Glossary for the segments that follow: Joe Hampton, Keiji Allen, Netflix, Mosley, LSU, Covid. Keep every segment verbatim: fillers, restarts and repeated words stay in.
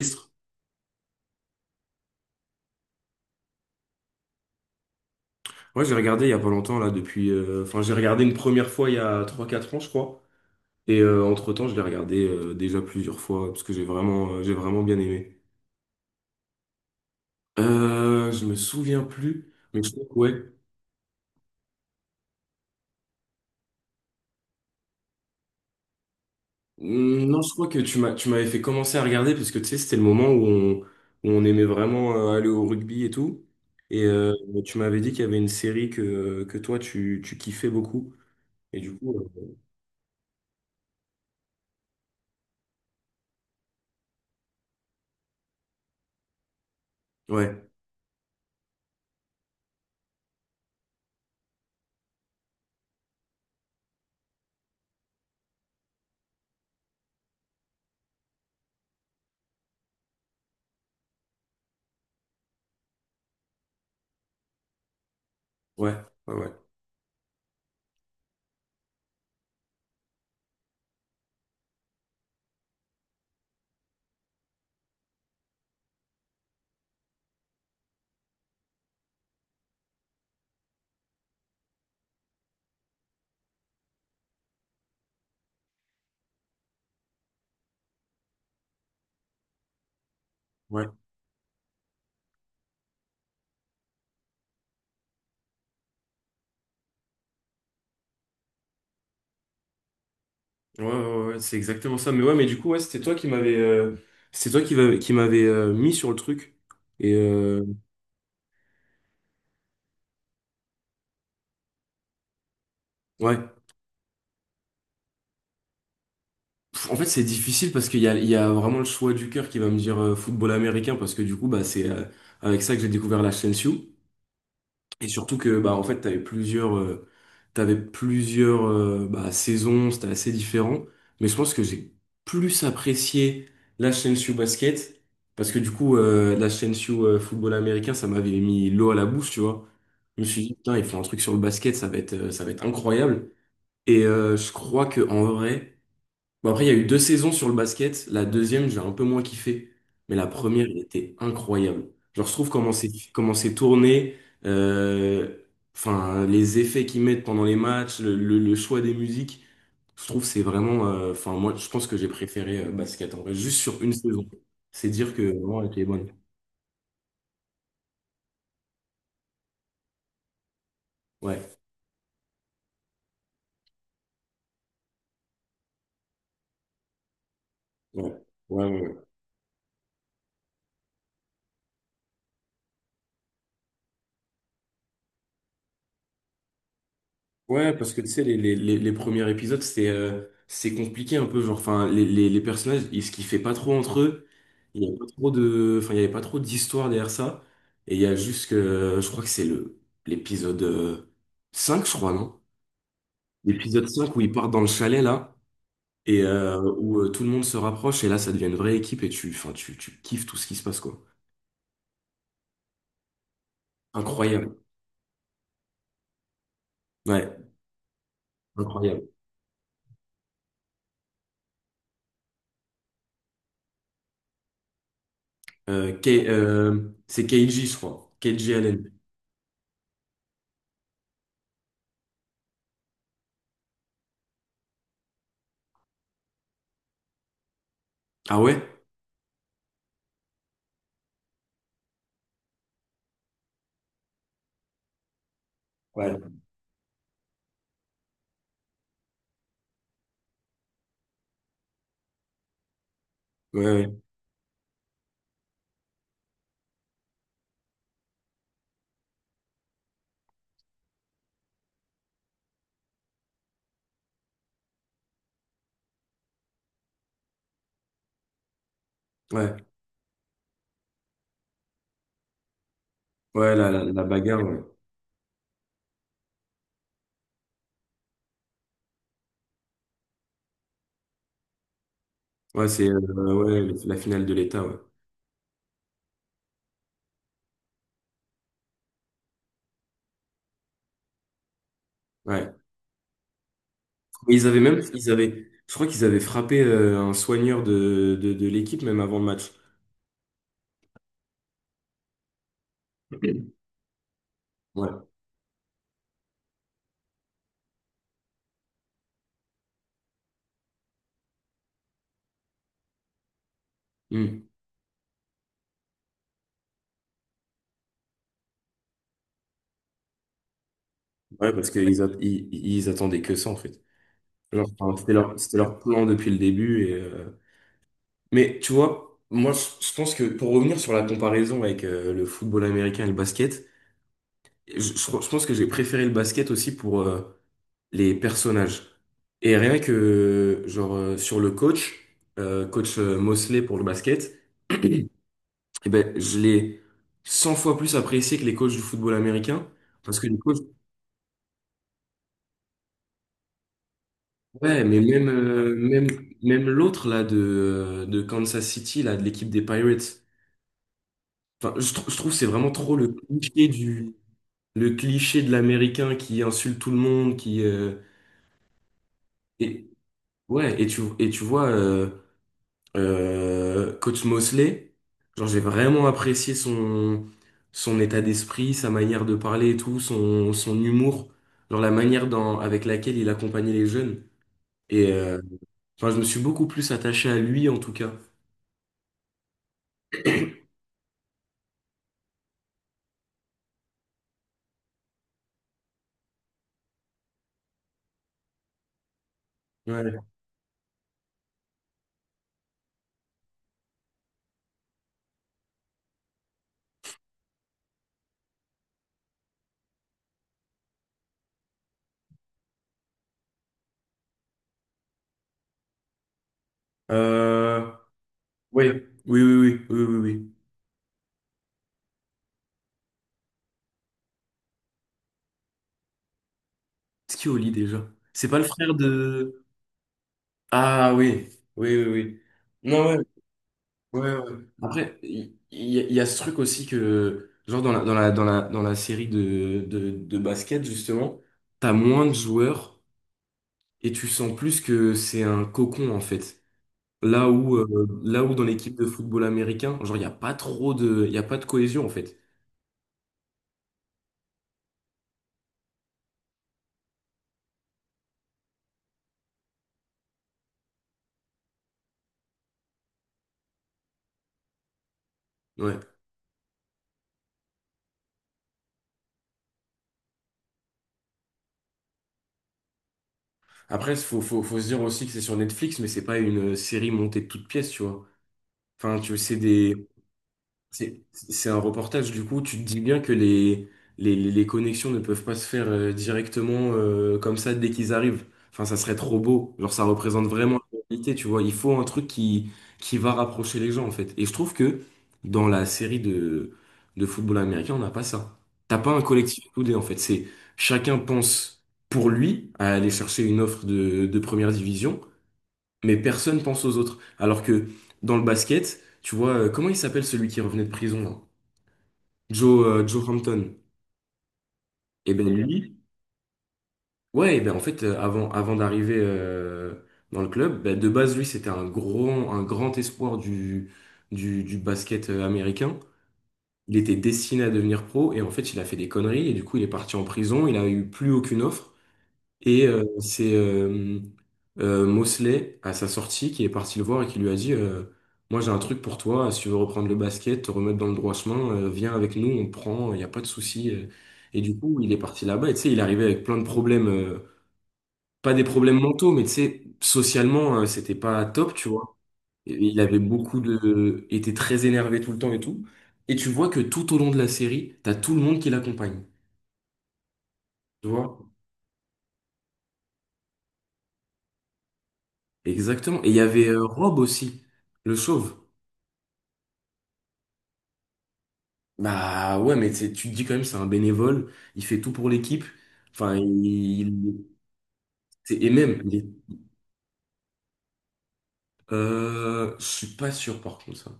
Ministre. Ouais, j'ai regardé il y a pas longtemps là depuis euh, enfin j'ai regardé une première fois il y a trois quatre ans je crois et euh, entre-temps je l'ai regardé euh, déjà plusieurs fois parce que j'ai vraiment euh, j'ai vraiment bien aimé. Euh, je me souviens plus mais je crois que ouais. Hmm, non, je crois que tu m'as tu m'avais fait commencer à regarder parce que tu sais c'était le moment où on où on aimait vraiment euh, aller au rugby et tout et euh, tu m'avais dit qu'il y avait une série que que toi tu tu kiffais beaucoup et du coup euh, ouais, ouais, ouais, ouais. Ouais, ouais, ouais, c'est exactement ça. Mais ouais, mais du coup, ouais, c'était toi qui m'avais euh, c'est toi qui, va qui m'avais euh, mis sur le truc. Et euh, ouais. Pff, En fait, c'est difficile parce qu'il y a, il y a vraiment le choix du cœur qui va me dire euh, football américain parce que du coup, bah, c'est euh, avec ça que j'ai découvert la chaîne L S U. Et surtout que bah en fait t'avais plusieurs euh, t'avais plusieurs euh, bah, saisons, c'était assez différent. Mais je pense que j'ai plus apprécié la Chelsea Basket parce que du coup euh, la Chelsea euh, football américain ça m'avait mis l'eau à la bouche, tu vois. Je me suis dit putain, ils font un truc sur le basket, ça va être euh, ça va être incroyable. Et euh, je crois que en vrai. Bon, après, il y a eu deux saisons sur le basket. La deuxième, j'ai un peu moins kiffé. Mais la première, elle était incroyable. Genre, je trouve comment c'est comment c'est tourné, euh, enfin, les effets qu'ils mettent pendant les matchs, le, le- le choix des musiques. Je trouve que c'est vraiment. euh, Enfin, moi, je pense que j'ai préféré euh, basket en vrai, juste sur une saison. C'est dire que vraiment, elle était bonne. Ouais, ouais, ouais, ouais, ouais. Ouais, parce que tu sais, les, les, les, les premiers épisodes, c'est euh, c'est compliqué un peu. Genre, enfin, les, les, les personnages, ils se kiffaient pas trop entre eux. Il y avait pas trop de, enfin, il y avait pas trop d'histoire derrière ça. Et il y a juste que, euh, je crois que c'est le l'épisode euh, cinq, je crois, non? L'épisode cinq où ils partent dans le chalet, là, et euh, où euh, tout le monde se rapproche, et là, ça devient une vraie équipe, et tu, enfin, tu, tu kiffes tout ce qui se passe, quoi. Incroyable. Ouais, incroyable. Euh, Kei- euh, c'est Keiji, je crois. Keiji Allen. Ah ouais? Ouais. Ouais, ouais. Ouais, ouais, la, la, la bagarre, ouais. Ouais, c'est euh, ouais, la finale de l'État, ouais. Ouais. Mais ils avaient même, ils avaient, je crois qu'ils avaient frappé euh, un soigneur de, de, de l'équipe même avant le match. Ouais. Hmm. Ouais, parce qu'ils at- ils, ils attendaient que ça, en fait. Genre, enfin, c'était leur, c'était leur plan depuis le début. Et, euh, Mais tu vois, moi, je je pense que pour revenir sur la comparaison avec euh, le football américain et le basket, je, je, je pense que j'ai préféré le basket aussi pour, euh, les personnages. Et rien que, genre, euh, sur le coach, euh, coach euh, Mosley pour le basket, eh ben, je l'ai cent fois plus apprécié que les coachs du football américain. Parce que les coachs, ouais, mais même, euh, même, même l'autre, là, de, de Kansas City, là, de l'équipe des Pirates. Enfin, je, trou- je trouve que c'est vraiment trop le cliché du, le cliché de l'américain qui insulte tout le monde, qui, euh, et, ouais, et tu, et tu vois, euh, Euh, coach Mosley, genre j'ai vraiment apprécié son, son état d'esprit, sa manière de parler et tout, son, son humour, genre la manière dans, avec laquelle il accompagnait les jeunes. Et euh, enfin, je me suis beaucoup plus attaché à lui en tout cas. Ouais. Euh, ouais. Oui, oui, oui, oui, oui, oui. C'est qui Oli déjà? C'est pas le frère de... Ah oui, oui, oui, oui. Non, ouais. Ouais, ouais. Après, il il y, a il y a ce truc aussi que, genre dans la, dans la, dans la, dans la série de, de, de basket, justement, t'as moins de joueurs et tu sens plus que c'est un cocon, en fait. Là où, euh, là où dans l'équipe de football américain, genre, il n'y a pas trop de, il y a pas de cohésion, en fait. Ouais. Après, faut, faut, faut se dire aussi que c'est sur Netflix, mais c'est pas une série montée de toutes pièces, tu vois. Enfin, tu sais, des, C'est c'est un reportage, du coup, tu te dis bien que les, les, les connexions ne peuvent pas se faire euh, directement euh, comme ça dès qu'ils arrivent. Enfin, ça serait trop beau. Genre, ça représente vraiment la réalité, tu vois. Il faut un truc qui, qui va rapprocher les gens, en fait. Et je trouve que dans la série de, de football américain, on n'a pas ça. T'as pas un collectif soudé, en fait. C'est chacun pense pour lui à aller chercher une offre de, de première division mais personne pense aux autres. Alors que dans le basket, tu vois, euh, comment il s'appelle celui qui revenait de prison là? Joe, euh, Joe Hampton. Et ben lui, ouais, et ben en fait, euh, avant, avant d'arriver euh, dans le club, ben, de base, lui, c'était un grand, un grand espoir du, du, du basket euh, américain. Il était destiné à devenir pro et en fait, il a fait des conneries et du coup, il est parti en prison. Il a eu plus aucune offre. Et euh, c'est euh, euh, Mosley, à sa sortie, qui est parti le voir et qui lui a dit euh, moi, j'ai un truc pour toi. Si tu veux reprendre le basket, te remettre dans le droit chemin, euh, viens avec nous, on te prend, il n'y a pas de souci. euh. Et du coup, il est parti là-bas. Et tu sais, il arrivait avec plein de problèmes, euh, pas des problèmes mentaux, mais tu sais, socialement, euh, c'était pas top, tu vois. Et Il avait beaucoup de. Était très énervé tout le temps et tout. Et tu vois que tout au long de la série, t'as tout le monde qui l'accompagne. Tu vois? Exactement. Et il y avait euh, Rob aussi, le chauve. Bah ouais, mais c'est- tu te dis quand même, c'est un bénévole, il fait tout pour l'équipe. Enfin, il, c'est- et même, il est- euh, je suis pas sûr par contre ça.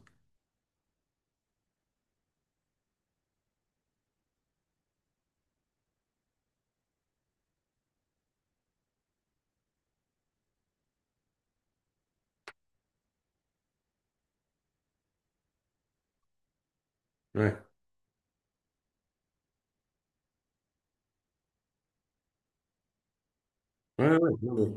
Ouais, ouais, ouais. Non, mais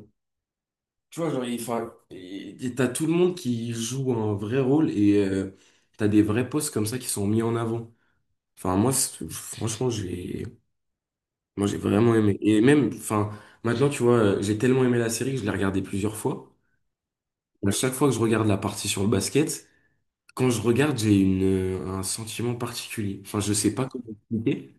tu vois, genre, il, enfin, il- t'as tout le monde qui joue un vrai rôle et euh, t'as des vrais postes comme ça qui sont mis en avant. Enfin, moi, c'est- franchement, j'ai, moi, j'ai vraiment aimé. Et même, enfin, maintenant, tu vois, j'ai tellement aimé la série que je l'ai regardée plusieurs fois. À chaque fois que je regarde la partie sur le basket, quand je regarde, j'ai une, euh, un sentiment particulier. Enfin, je sais pas comment expliquer.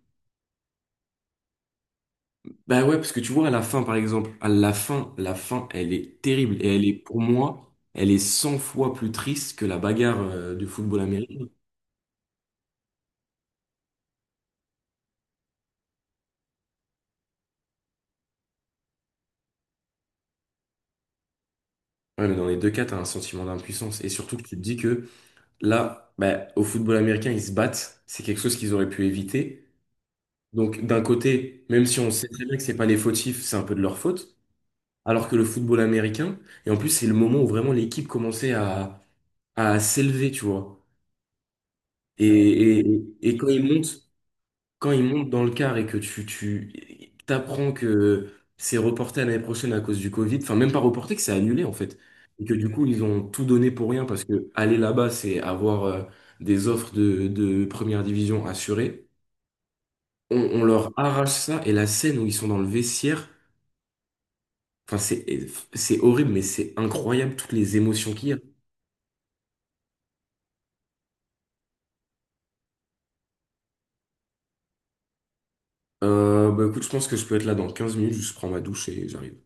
Bah ouais, parce que tu vois, à la fin, par exemple, à la fin, la fin, elle est terrible. Et elle est, pour moi, elle est cent fois plus triste que la bagarre, euh, du football américain. Ouais, mais dans les deux cas, t'as un sentiment d'impuissance. Et surtout que tu te dis que là, bah, au football américain, ils se battent. C'est quelque chose qu'ils auraient pu éviter. Donc, d'un côté, même si on sait très bien que c'est pas les fautifs, c'est un peu de leur faute. Alors que le football américain, et en plus, c'est le moment où vraiment l'équipe commençait à à s'élever, tu vois. Et, et, et quand il monte, quand il monte dans le car et que tu, tu t'apprends que c'est reporté à l'année prochaine à cause du Covid, enfin même pas reporté, que c'est annulé en fait. Et que du coup, ils ont tout donné pour rien parce que aller là-bas, c'est avoir euh, des offres de, de première division assurées. On, on leur arrache ça et la scène où ils sont dans le vestiaire, enfin c'est, c'est, horrible, mais c'est incroyable toutes les émotions qu'il y a. Euh, bah écoute, je pense que je peux être là dans quinze minutes, je prends ma douche et j'arrive.